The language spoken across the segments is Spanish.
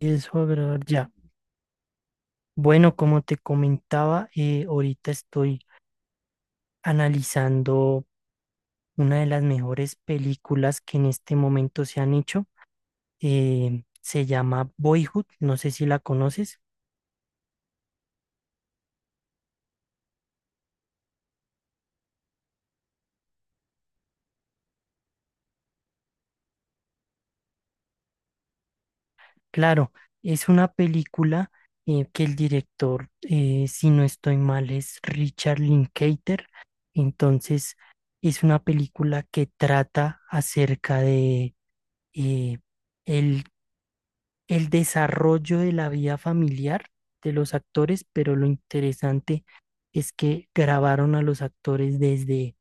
Eso, brother, ya. Bueno, como te comentaba, ahorita estoy analizando una de las mejores películas que en este momento se han hecho. Se llama Boyhood, no sé si la conoces. Claro, es una película que el director, si no estoy mal, es Richard Linklater. Entonces, es una película que trata acerca de eh, el el desarrollo de la vida familiar de los actores, pero lo interesante es que grabaron a los actores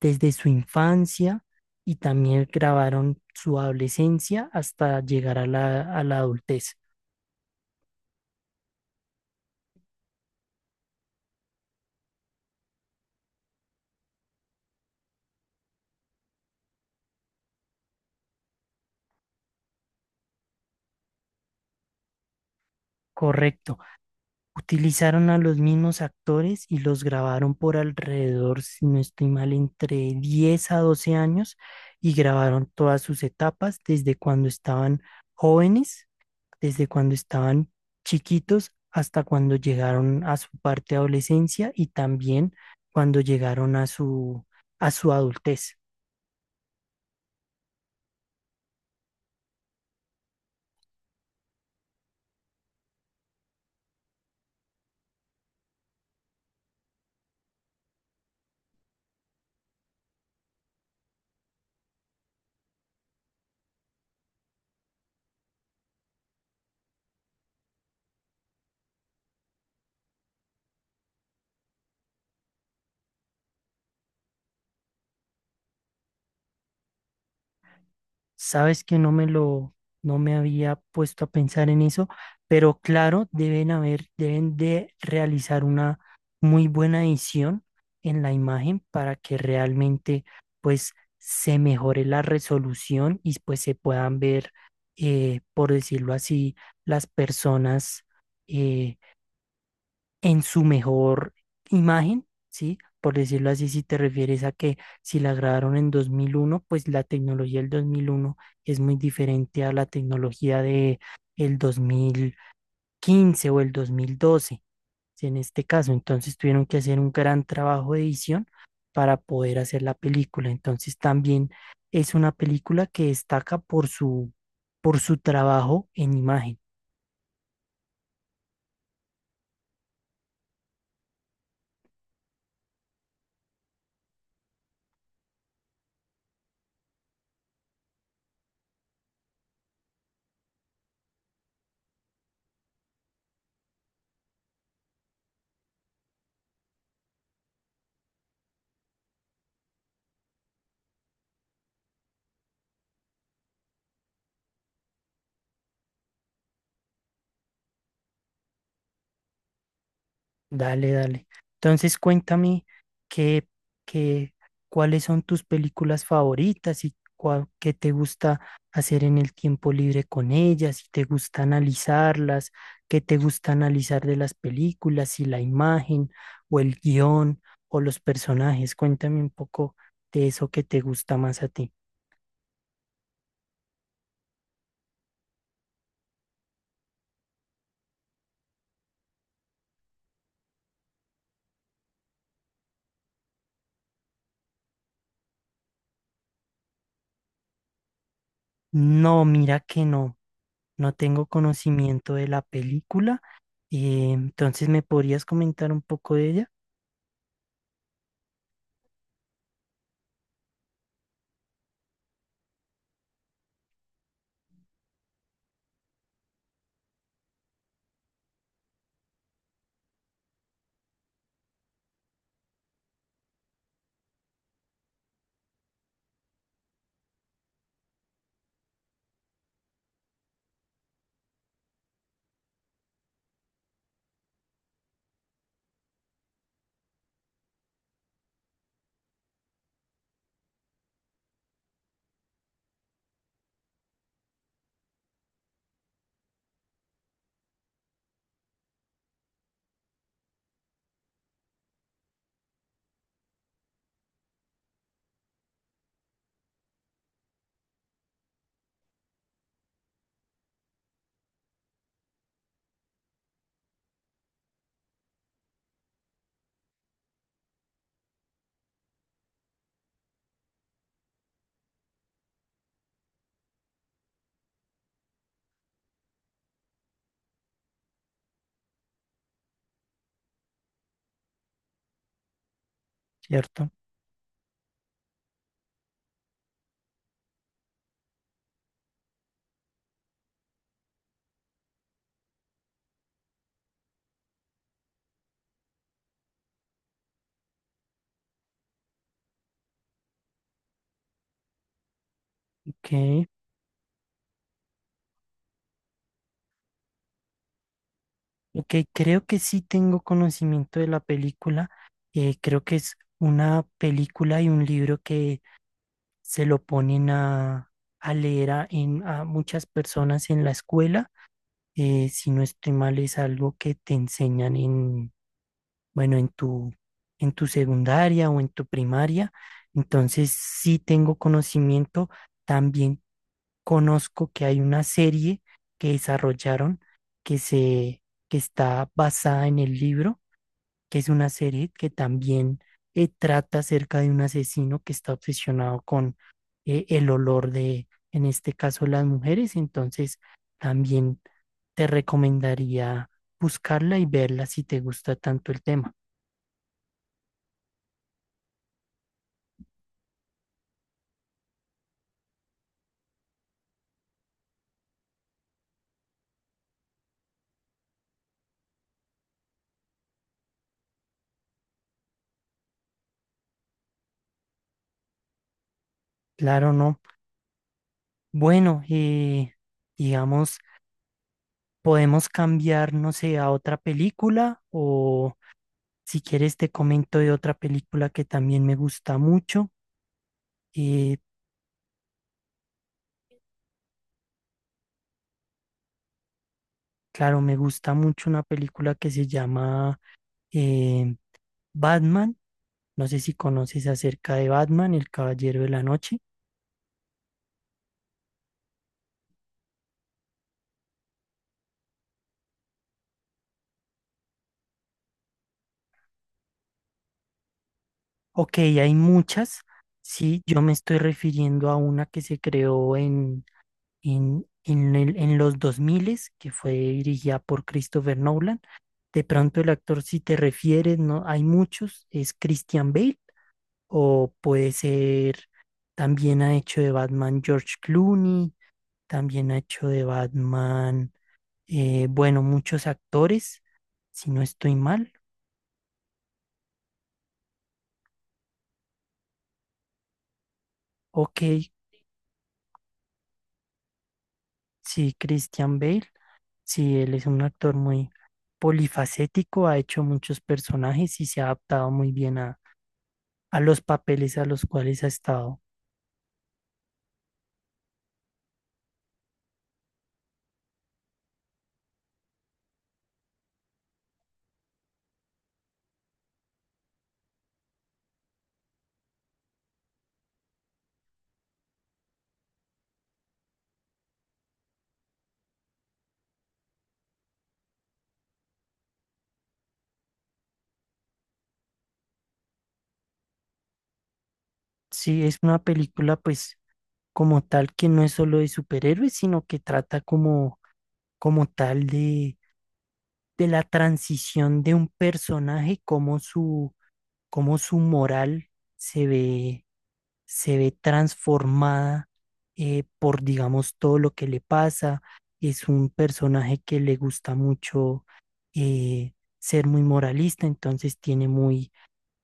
desde su infancia y también grabaron su adolescencia hasta llegar a a la adultez. Correcto. Utilizaron a los mismos actores y los grabaron por alrededor, si no estoy mal, entre 10 a 12 años y grabaron todas sus etapas desde cuando estaban jóvenes, desde cuando estaban chiquitos hasta cuando llegaron a su parte de adolescencia y también cuando llegaron a a su adultez. Sabes que no me había puesto a pensar en eso, pero claro, deben de realizar una muy buena edición en la imagen para que realmente pues se mejore la resolución y pues se puedan ver, por decirlo así, las personas, eh, en su mejor imagen, ¿sí? Por decirlo así, si te refieres a que si la grabaron en 2001, pues la tecnología del 2001 es muy diferente a la tecnología de el 2015 o el 2012, ¿sí? En este caso, entonces tuvieron que hacer un gran trabajo de edición para poder hacer la película. Entonces también es una película que destaca por por su trabajo en imagen. Dale, dale. Entonces cuéntame qué, qué, cuáles son tus películas favoritas y qué te gusta hacer en el tiempo libre con ellas, si te gusta analizarlas, qué te gusta analizar de las películas, si la imagen o el guión o los personajes. Cuéntame un poco de eso que te gusta más a ti. No, mira que no. No tengo conocimiento de la película, entonces me podrías comentar un poco de ella, ¿cierto? Ok, ok, creo que sí tengo conocimiento de la película. Creo que es una película y un libro que se lo ponen a leer a muchas personas en la escuela. Si no estoy mal, es algo que te enseñan en, bueno, en en tu secundaria o en tu primaria. Entonces sí tengo conocimiento. También conozco que hay una serie que desarrollaron que se que está basada en el libro, que es una serie que también trata acerca de un asesino que está obsesionado con el olor de, en este caso, las mujeres. Entonces, también te recomendaría buscarla y verla si te gusta tanto el tema. Claro, no. Bueno, digamos, podemos cambiar, no sé, a otra película, o si quieres, te comento de otra película que también me gusta mucho. Eh, claro, me gusta mucho una película que se llama eh, Batman. No sé si conoces acerca de Batman, El Caballero de la Noche. Ok, hay muchas. Sí, yo me estoy refiriendo a una que se creó en los 2000, que fue dirigida por Christopher Nolan. De pronto el actor, si te refieres, no, hay muchos, es Christian Bale. O puede ser, también ha hecho de Batman George Clooney, también ha hecho de Batman, bueno, muchos actores, si no estoy mal. Ok, sí, Christian Bale, sí, él es un actor muy polifacético, ha hecho muchos personajes y se ha adaptado muy bien a los papeles a los cuales ha estado. Sí, es una película pues como tal que no es solo de superhéroes, sino que trata como, como tal de la transición de un personaje, cómo su moral se ve, se ve transformada por, digamos, todo lo que le pasa. Es un personaje que le gusta mucho eh, ser muy moralista, entonces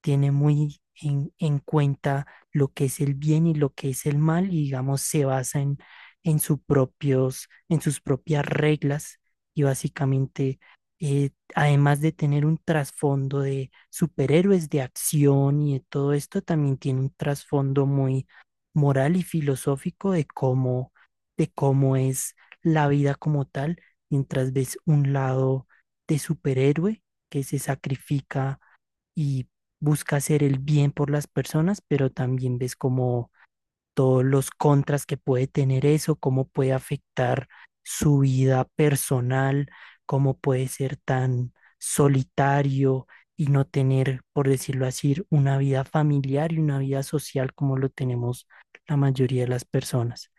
tiene muy en cuenta lo que es el bien y lo que es el mal y digamos se basa en sus en sus propias reglas y básicamente, además de tener un trasfondo de superhéroes de acción y de todo esto, también tiene un trasfondo muy moral y filosófico de de cómo es la vida como tal, mientras ves un lado de superhéroe que se sacrifica y busca hacer el bien por las personas, pero también ves como todos los contras que puede tener eso, cómo puede afectar su vida personal, cómo puede ser tan solitario y no tener, por decirlo así, una vida familiar y una vida social como lo tenemos la mayoría de las personas.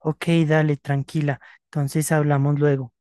Ok, dale, tranquila. Entonces hablamos luego.